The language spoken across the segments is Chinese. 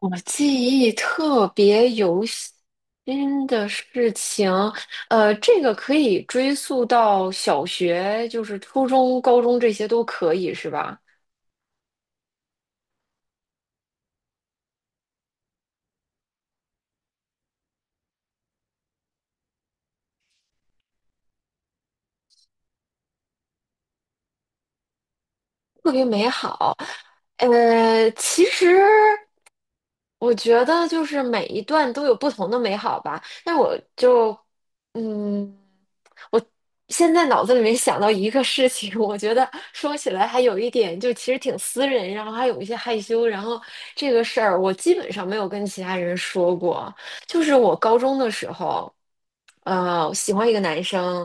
我记忆特别犹新的事情，这个可以追溯到小学，就是初中、高中这些都可以，是吧？特别美好。呃，其实。我觉得就是每一段都有不同的美好吧，但我就，嗯，我现在脑子里面想到一个事情，我觉得说起来还有一点，就其实挺私人，然后还有一些害羞，然后这个事儿我基本上没有跟其他人说过，就是我高中的时候，我喜欢一个男生，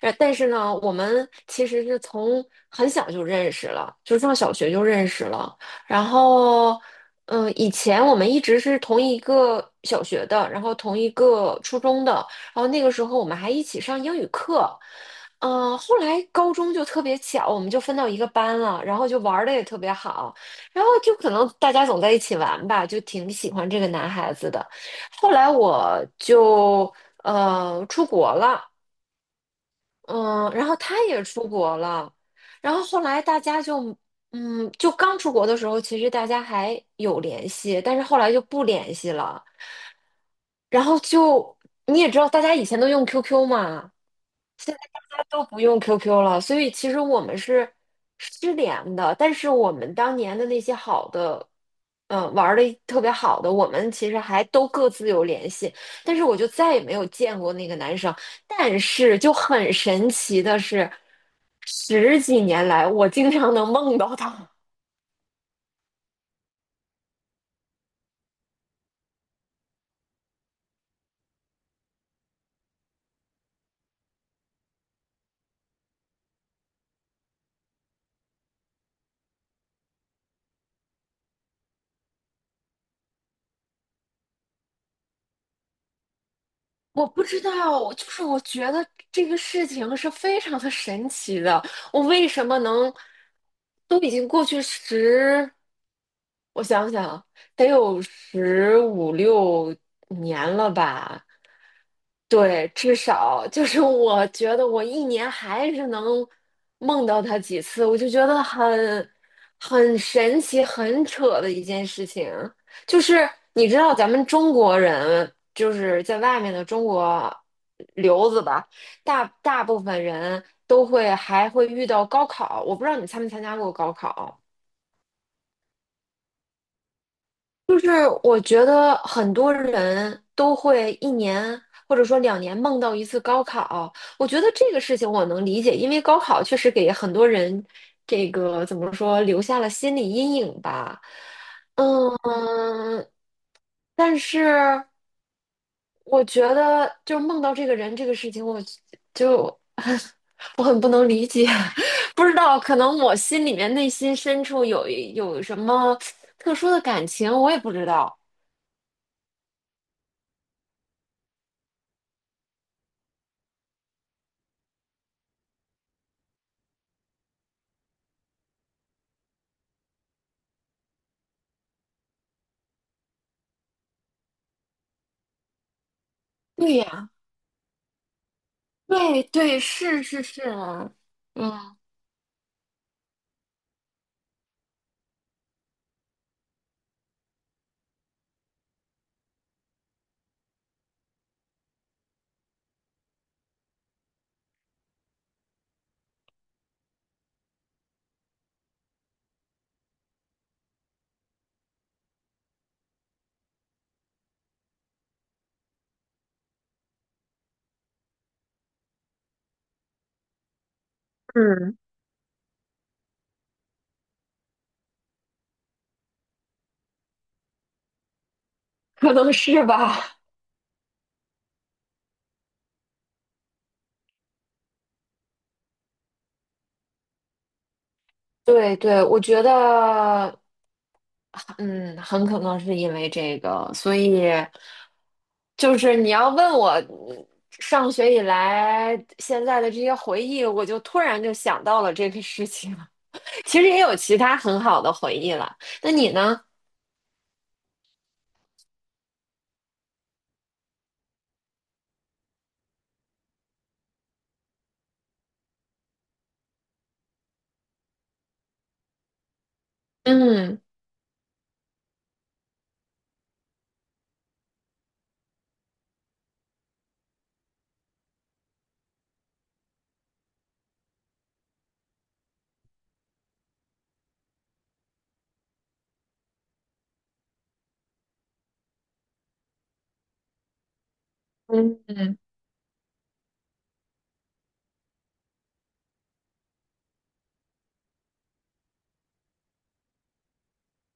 但是呢，我们其实是从很小就认识了，就上小学就认识了。然后以前我们一直是同一个小学的，然后同一个初中的，然后那个时候我们还一起上英语课。后来高中就特别巧，我们就分到一个班了，然后就玩的也特别好，然后就可能大家总在一起玩吧，就挺喜欢这个男孩子的。后来我就出国了，嗯，然后他也出国了，然后后来大家就，就刚出国的时候，其实大家还有联系，但是后来就不联系了。然后就你也知道，大家以前都用 QQ 嘛，现在大家都不用 QQ 了，所以其实我们是失联的。但是我们当年的那些好的，玩的特别好的，我们其实还都各自有联系。但是我就再也没有见过那个男生。但是就很神奇的是，十几年来我经常能梦到他。我不知道，就是我觉得这个事情是非常的神奇的。我为什么能都已经过去十我想想啊，得有十五六年了吧？对，至少就是我觉得我一年还是能梦到他几次，我就觉得很神奇、很扯的一件事情。就是你知道，咱们中国人就是在外面的中国留子吧，大部分人都会还会遇到高考。我不知道你参没参加过高考。就是我觉得很多人都会一年或者说2年梦到1次高考，我觉得这个事情我能理解，因为高考确实给很多人这个怎么说留下了心理阴影吧。嗯，但是我觉得就梦到这个人这个事情，就 我很不能理解，不知道可能我心里面内心深处有什么特殊的感情，我也不知道。对呀。对对，是是是，嗯，嗯，可能是吧。对对，我觉得，嗯，很可能是因为这个，所以就是你要问我上学以来现在的这些回忆，我就突然就想到了这个事情。其实也有其他很好的回忆了。那你呢？嗯嗯嗯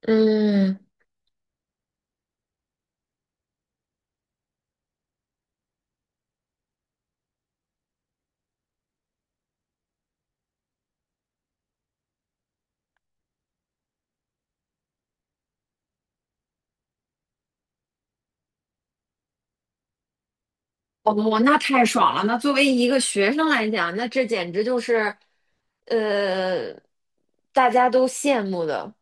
嗯。哦，那太爽了！那作为一个学生来讲，那这简直就是，呃，大家都羡慕的。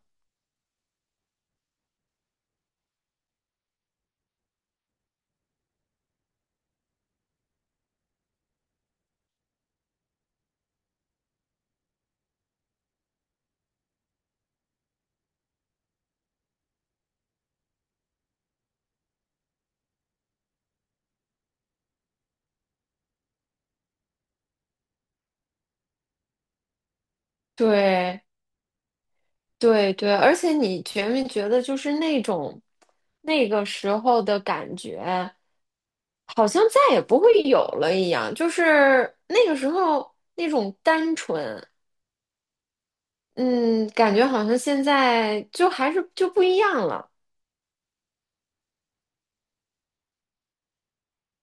对对对，而且你觉没觉得，就是那种那个时候的感觉，好像再也不会有了一样。就是那个时候那种单纯，嗯，感觉好像现在就还是就不一样了。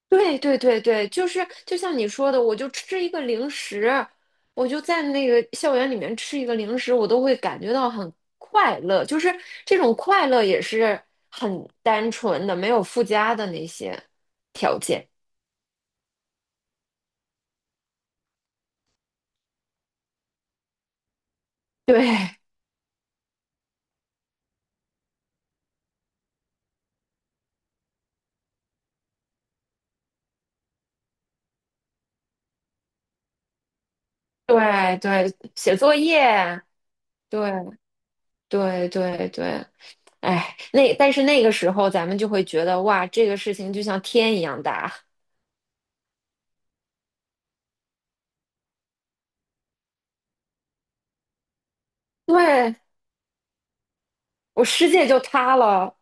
对对对对，就是就像你说的，我就吃一个零食，我就在那个校园里面吃一个零食，我都会感觉到很快乐，就是这种快乐也是很单纯的，没有附加的那些条件。对对对，写作业，对对对对，哎，那但是那个时候咱们就会觉得哇，这个事情就像天一样大，对，我世界就塌了。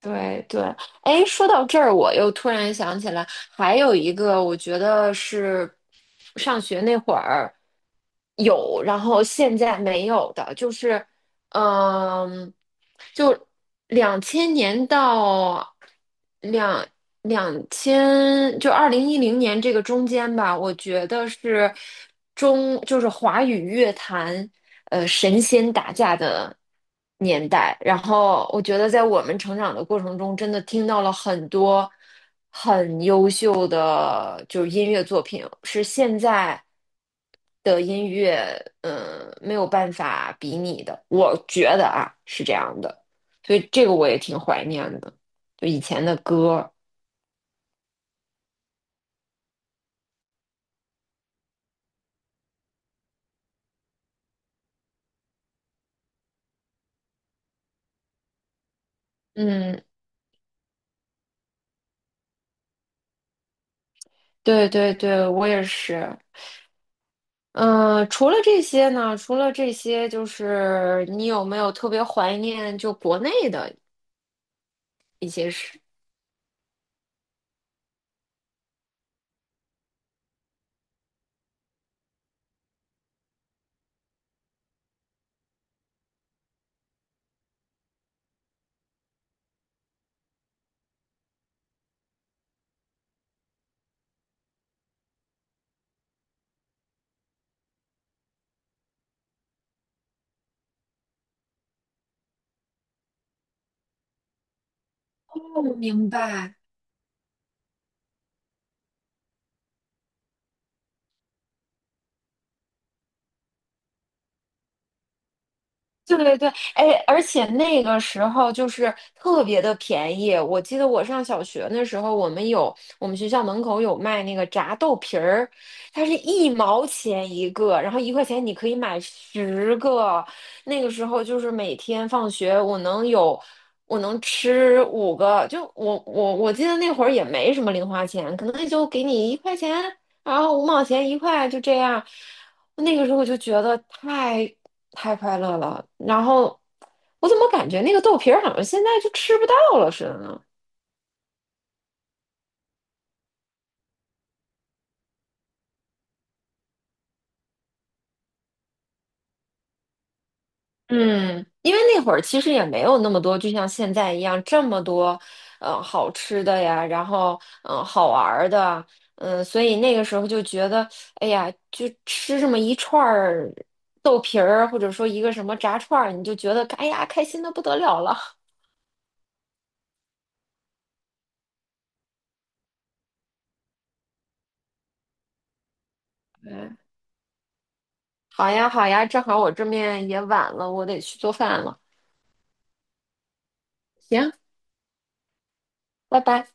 对对，哎，说到这儿，我又突然想起来，还有一个，我觉得是上学那会儿有，然后现在没有的，就是。嗯，就2000年到两两千，就2010年这个中间吧，我觉得是中，就是华语乐坛，神仙打架的年代。然后我觉得在我们成长的过程中，真的听到了很多很优秀的就是音乐作品，是现在。的音乐，没有办法比拟的，我觉得啊是这样的，所以这个我也挺怀念的，就以前的歌，嗯，对对对，我也是，嗯，除了这些呢，除了这些，就是你有没有特别怀念就国内的一些事？哦，明白。对对对，哎，而且那个时候就是特别的便宜。我记得我上小学的时候，我们有我们学校门口有卖那个炸豆皮儿，它是1毛钱一个，然后一块钱你可以买10个。那个时候就是每天放学，我能吃5个，就我记得那会儿也没什么零花钱，可能也就给你一块钱，然后5毛钱一块，就这样。那个时候我就觉得太快乐了。然后我怎么感觉那个豆皮儿好像现在就吃不到了似的呢？嗯，因为那会儿其实也没有那么多，就像现在一样这么多，好吃的呀，然后好玩儿的，所以那个时候就觉得，哎呀，就吃这么一串儿豆皮儿，或者说一个什么炸串儿，你就觉得，哎呀，开心的不得了了。嗯，好呀，好呀，正好我这面也晚了，我得去做饭了。行，拜拜。